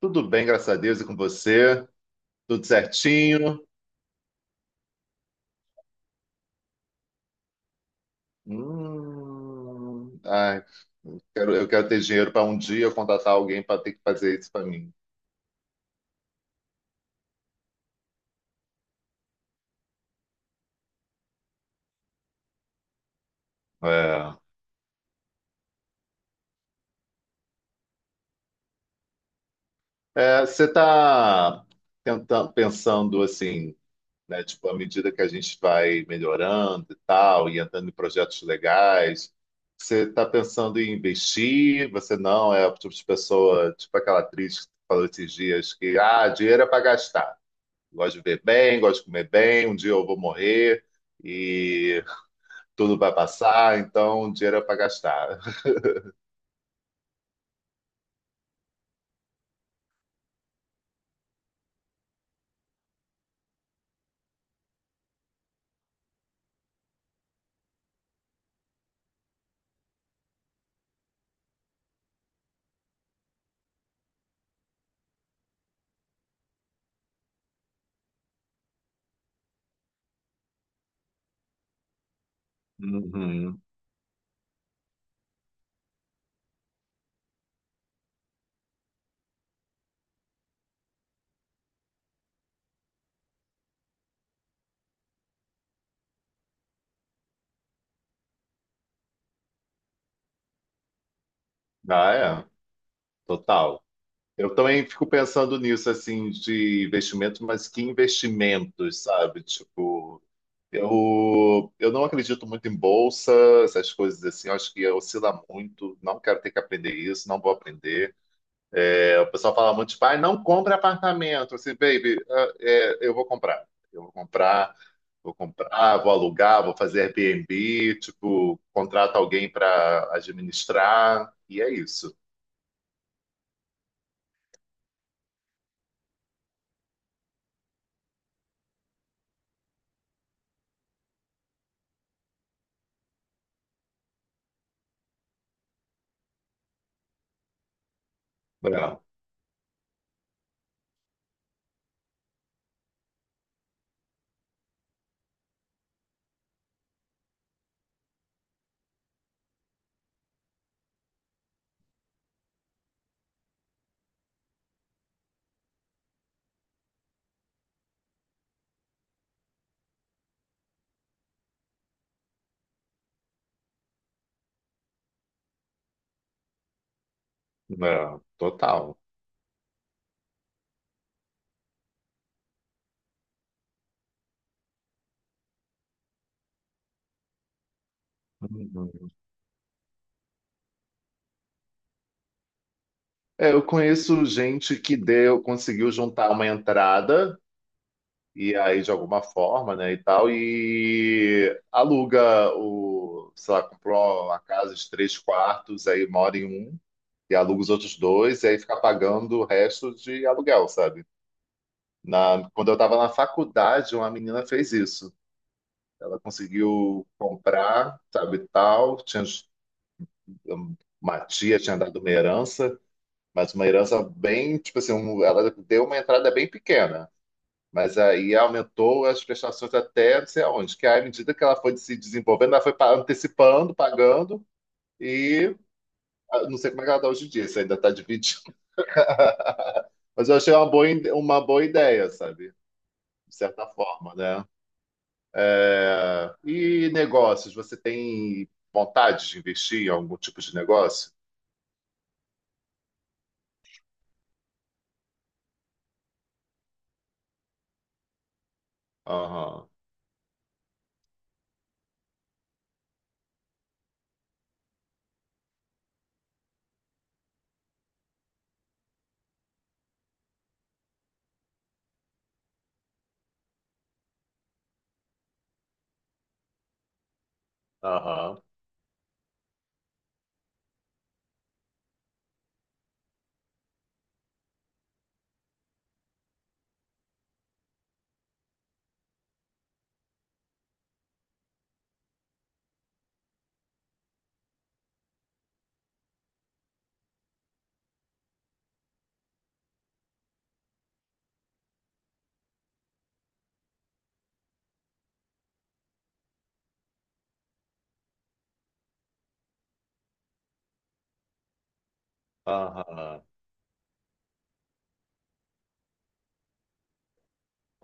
Tudo bem, graças a Deus, e com você? Tudo certinho? Ai, eu quero ter dinheiro para um dia contratar alguém para ter que fazer isso para mim. É. É, você está pensando assim, né? Tipo, à medida que a gente vai melhorando e tal, e entrando em projetos legais, você está pensando em investir? Você não é o tipo de pessoa, tipo aquela atriz que falou esses dias que, ah, dinheiro é para gastar. Gosto de ver bem, gosto de comer bem. Um dia eu vou morrer e tudo vai passar, então dinheiro é para gastar. Uhum. Ah, é, total. Eu também fico pensando nisso, assim, de investimento, mas que investimentos, sabe? Tipo, eu não acredito muito em bolsa, essas coisas assim, eu acho que oscila muito, não quero ter que aprender isso, não vou aprender. É, o pessoal fala muito, tipo, ah, não compra apartamento. Assim, baby, ah, é, eu vou comprar. Eu vou comprar, vou alugar, vou fazer Airbnb, tipo, contrato alguém para administrar, e é isso. Não, não, total. Uhum. É, eu conheço gente que deu, conseguiu juntar uma entrada, e aí de alguma forma, né, e tal, e aluga o, sei lá, comprou uma casa de três quartos, aí mora em um e aluga os outros dois, e aí fica pagando o resto de aluguel, sabe? Na, quando eu estava na faculdade, uma menina fez isso. Ela conseguiu comprar, sabe, tal. Tinha, uma tia tinha dado uma herança, mas uma herança bem, tipo assim, um- ela deu uma entrada bem pequena. Mas aí aumentou as prestações até não sei aonde, que aí, à medida que ela foi se desenvolvendo, ela foi pa- antecipando, pagando, e ah, não sei como é que ela está hoje em dia, se ainda está dividindo. Mas eu achei uma boa, ide- uma boa ideia, sabe? De certa forma, né? É, e negócios, você tem vontade de investir em algum tipo de negócio? Aham, aham, aham.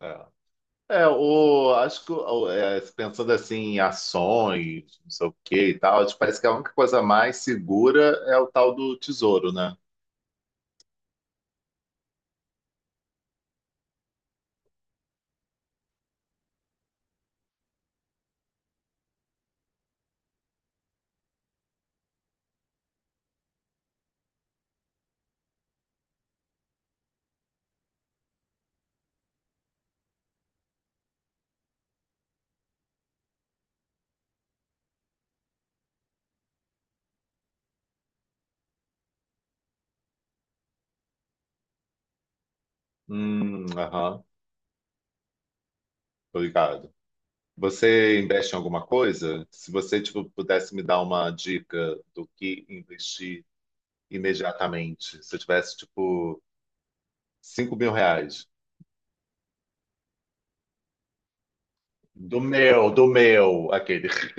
É, é, o, acho que o- é, pensando assim em ações, não sei o que e tal, acho que parece que a única coisa mais segura é o tal do tesouro, né? Aham, obrigado. Você investe em alguma coisa? Se você, tipo, pudesse me dar uma dica do que investir imediatamente, se eu tivesse, tipo, R$ 5.000. Do meu, aquele.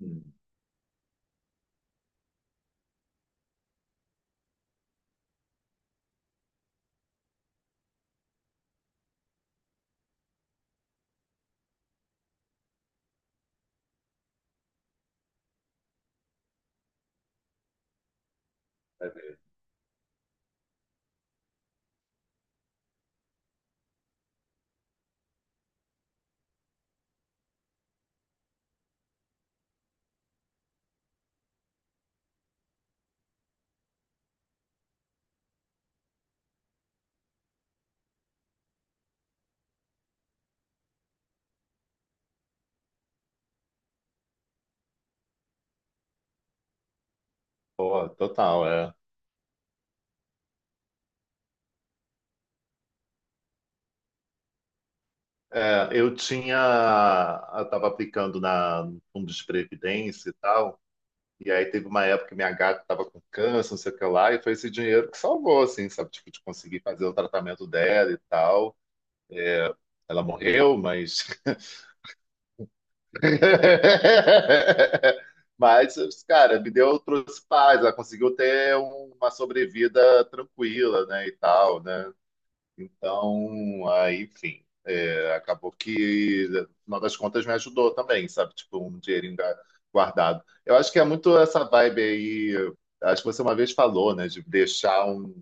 Hum, pô, total, é. É, eu tinha, eu tava aplicando na, no fundo de previdência e tal, e aí teve uma época que minha gata tava com câncer, não sei o que lá, e foi esse dinheiro que salvou, assim, sabe, tipo, de conseguir fazer o tratamento dela e tal. Ela morreu, mas mas, cara, me deu, trouxe paz, ela conseguiu ter uma sobrevida tranquila, né, e tal, né? Então, aí, enfim, é, acabou que, no final das contas, me ajudou também, sabe? Tipo, um dinheirinho ga- guardado. Eu acho que é muito essa vibe aí, acho que você uma vez falou, né, de deixar um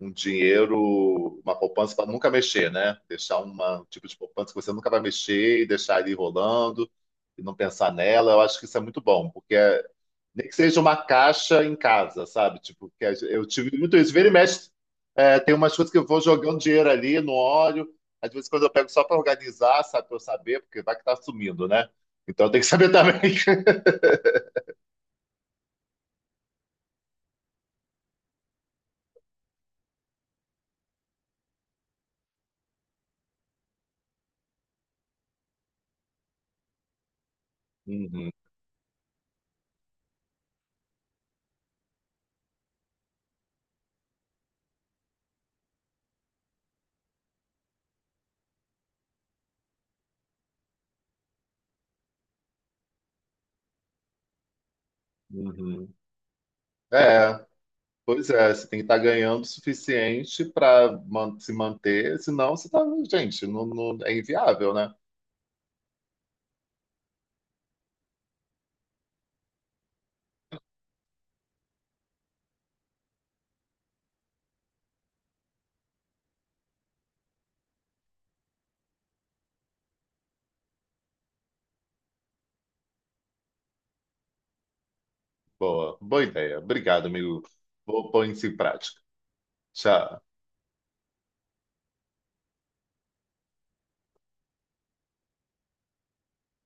dinheiro, uma poupança para nunca mexer, né? Deixar uma- um tipo de poupança que você nunca vai mexer e deixar ele rolando e não pensar nela. Eu acho que isso é muito bom, porque é- nem que seja uma caixa em casa, sabe? Tipo, que a gen- eu tive muito isso. Vira e mexe, é, tem umas coisas que eu vou jogando dinheiro ali, não olho. Às vezes, quando eu pego só para organizar, sabe? Para eu saber, porque vai que tá sumindo, né? Então, tem que saber também. Uhum, uhum. É. Pois é, você tem que estar ganhando o suficiente para se manter, senão você tá, gente, não, não- é inviável, né? Boa, boa ideia. Obrigado, amigo. Vou pôr isso em prática. Tchau.